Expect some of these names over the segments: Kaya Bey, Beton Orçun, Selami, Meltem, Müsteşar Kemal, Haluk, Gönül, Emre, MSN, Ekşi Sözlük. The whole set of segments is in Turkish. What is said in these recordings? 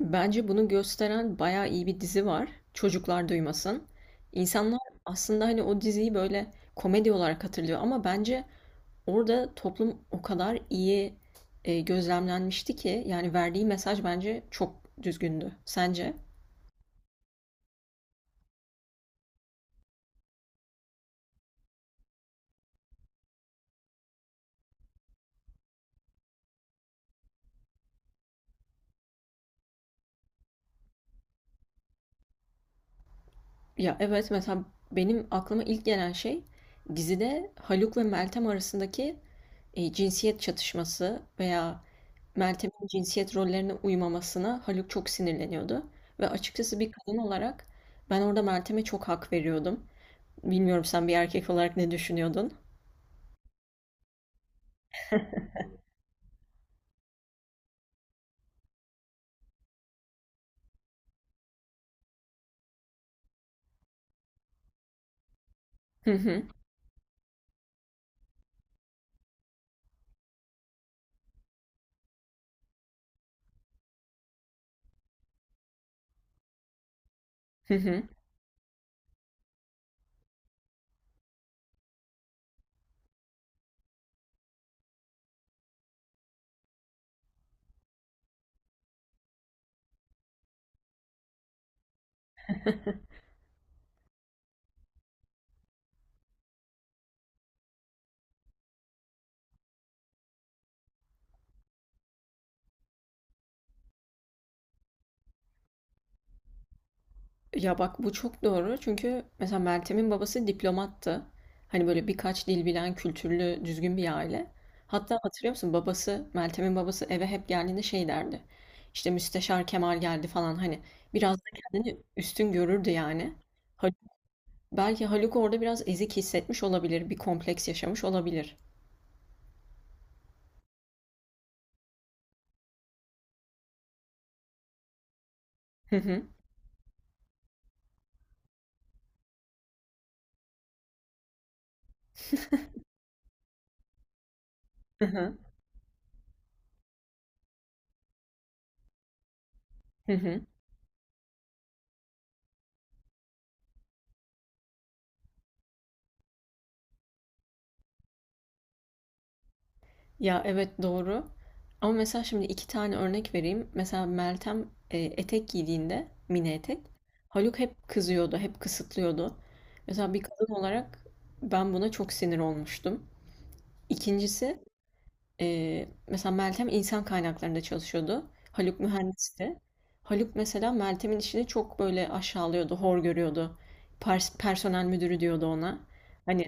Bence bunu gösteren bayağı iyi bir dizi var. Çocuklar duymasın. İnsanlar aslında hani o diziyi böyle komedi olarak hatırlıyor ama bence orada toplum o kadar iyi gözlemlenmişti ki yani verdiği mesaj bence çok düzgündü. Sence? Ya, evet, mesela benim aklıma ilk gelen şey dizide Haluk ve Meltem arasındaki, cinsiyet çatışması veya Meltem'in cinsiyet rollerine uymamasına Haluk çok sinirleniyordu ve açıkçası bir kadın olarak ben orada Meltem'e çok hak veriyordum. Bilmiyorum sen bir erkek olarak ne düşünüyordun? Hı hı. Hı hı. Ya bak bu çok doğru çünkü mesela Meltem'in babası diplomattı. Hani böyle birkaç dil bilen, kültürlü, düzgün bir aile. Hatta hatırlıyor musun babası, Meltem'in babası eve hep geldiğinde şey derdi. İşte Müsteşar Kemal geldi falan hani biraz da kendini üstün görürdü yani. Hal- Belki Haluk orada biraz ezik hissetmiş olabilir, bir kompleks yaşamış olabilir. Hı hı, hı hı, hı hı. Ya evet doğru. Ama mesela şimdi iki tane örnek vereyim. Mesela Meltem etek giydiğinde mini etek Haluk hep kızıyordu, hep kısıtlıyordu. Mesela bir kadın olarak ben buna çok sinir olmuştum. İkincisi mesela Meltem insan kaynaklarında çalışıyordu. Haluk mühendisti. Haluk mesela Meltem'in işini çok böyle aşağılıyordu, hor görüyordu. Personel müdürü diyordu ona. Hani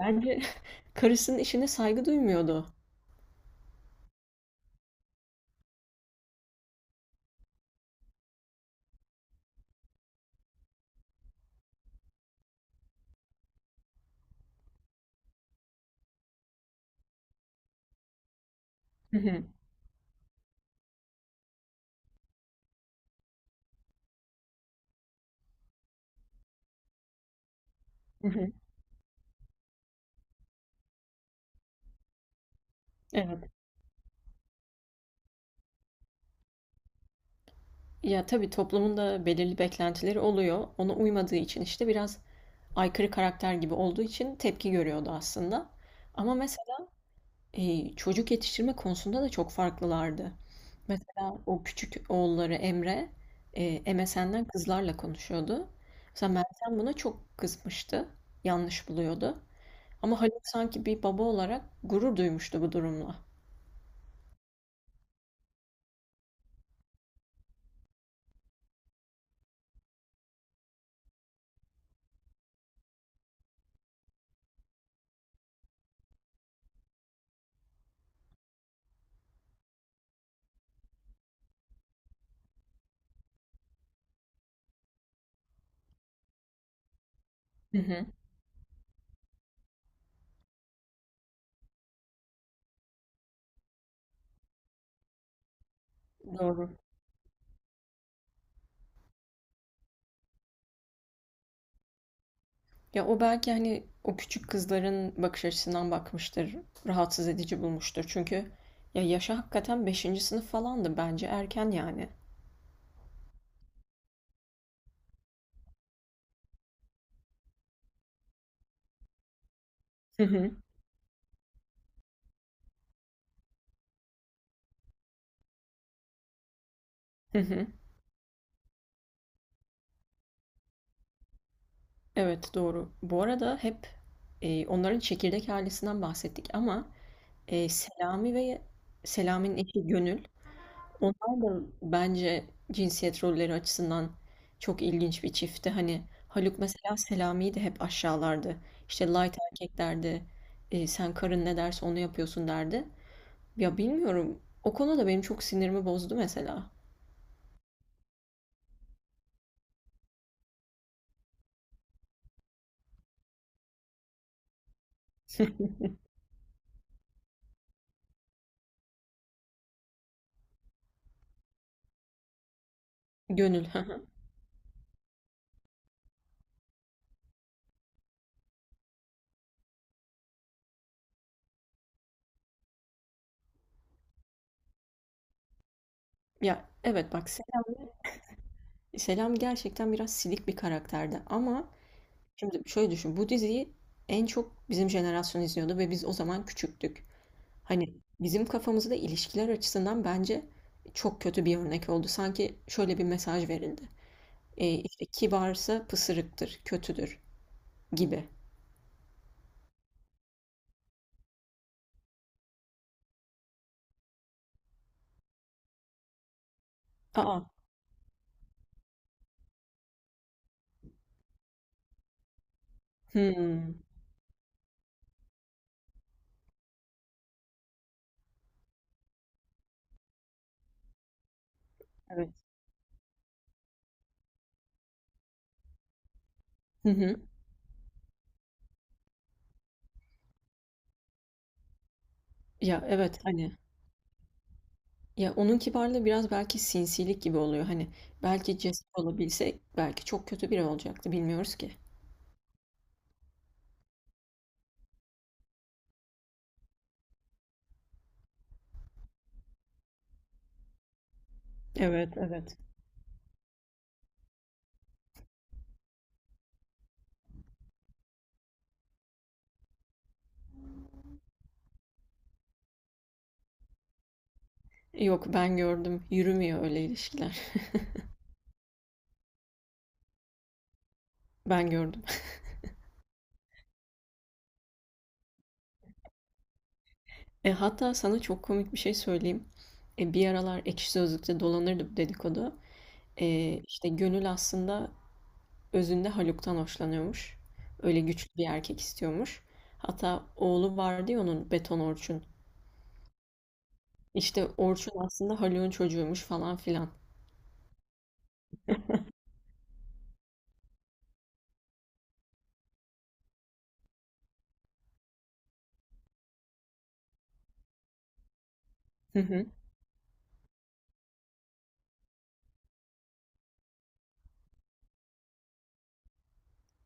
bence karısının işine saygı duymuyordu. Hı hı, hı hı. Evet. Ya tabii toplumun da belirli beklentileri oluyor. Ona uymadığı için işte biraz aykırı karakter gibi olduğu için tepki görüyordu aslında. Ama mesela çocuk yetiştirme konusunda da çok farklılardı. Mesela o küçük oğulları Emre MSN'den kızlarla konuşuyordu. Mesela Meltem buna çok kızmıştı. Yanlış buluyordu. Ama Haluk sanki bir baba olarak gurur duymuştu bu durumla. Hı hı. Doğru. Ya o belki hani o küçük kızların bakış açısından bakmıştır, rahatsız edici bulmuştur. Çünkü ya yaşı hakikaten 5. sınıf falandı bence erken yani. Hı hı. Hı hı. Evet doğru. Bu arada hep onların çekirdek ailesinden bahsettik ama Selami ve Selami'nin eşi Gönül. Onlar da bence cinsiyet rolleri açısından çok ilginç bir çiftti. Hani Haluk mesela Selami'yi de hep aşağılardı. İşte light erkek derdi. Sen karın ne derse onu yapıyorsun derdi. Ya bilmiyorum. O konu da benim çok sinirimi bozdu mesela. Gönül. Hı hı. Ya evet bak Selam gerçekten biraz silik bir karakterdi. Ama şimdi şöyle düşün. Bu diziyi en çok bizim jenerasyon izliyordu ve biz o zaman küçüktük. Hani bizim kafamızda ilişkiler açısından bence çok kötü bir örnek oldu. Sanki şöyle bir mesaj verildi. İşte kibarsa pısırıktır, kötüdür gibi. Aa, hmm, evet. Hı hı. Ya evet hani ya onun kibarlığı biraz belki sinsilik gibi oluyor. Hani belki cesur olabilse belki çok kötü biri olacaktı bilmiyoruz ki. Evet, evet. Yok ben gördüm. Yürümüyor öyle ilişkiler. Ben gördüm. Hatta sana çok komik bir şey söyleyeyim. Bir aralar Ekşi Sözlük'te dolanırdı bu dedikodu. İşte Gönül aslında özünde Haluk'tan hoşlanıyormuş. Öyle güçlü bir erkek istiyormuş. Hatta oğlu vardı ya onun Beton Orçun. İşte Orçun aslında Haluk'un çocuğuymuş falan filan. Hı hı.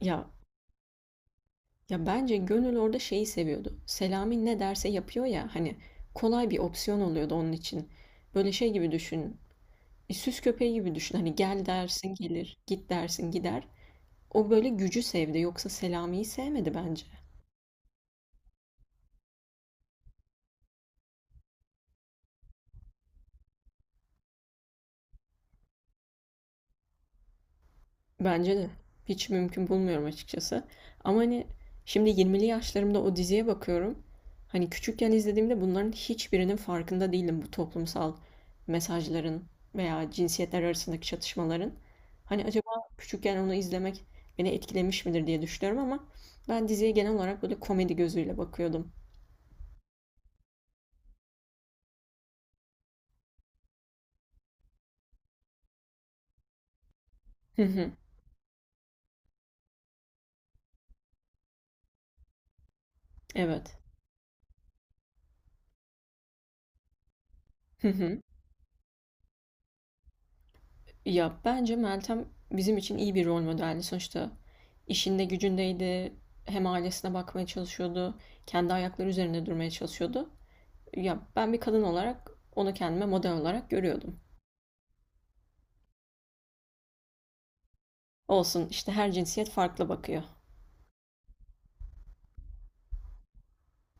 Ya ya bence Gönül orada şeyi seviyordu. Selami ne derse yapıyor ya hani kolay bir opsiyon oluyordu onun için. Böyle şey gibi düşün. Süs köpeği gibi düşün. Hani gel dersin gelir, git dersin gider. O böyle gücü sevdi. Yoksa Selami'yi sevmedi bence. Bence de. Hiç mümkün bulmuyorum açıkçası. Ama hani şimdi 20'li yaşlarımda o diziye bakıyorum. Hani küçükken izlediğimde bunların hiçbirinin farkında değildim bu toplumsal mesajların veya cinsiyetler arasındaki çatışmaların. Hani acaba küçükken onu izlemek beni etkilemiş midir diye düşünüyorum ama ben diziye genel olarak böyle komedi gözüyle bakıyordum. Hı hı, evet. Ya bence Meltem bizim için iyi bir rol modeldi sonuçta. İşinde gücündeydi, hem ailesine bakmaya çalışıyordu, kendi ayakları üzerinde durmaya çalışıyordu. Ya ben bir kadın olarak onu kendime model olarak görüyordum. Olsun işte her cinsiyet farklı bakıyor.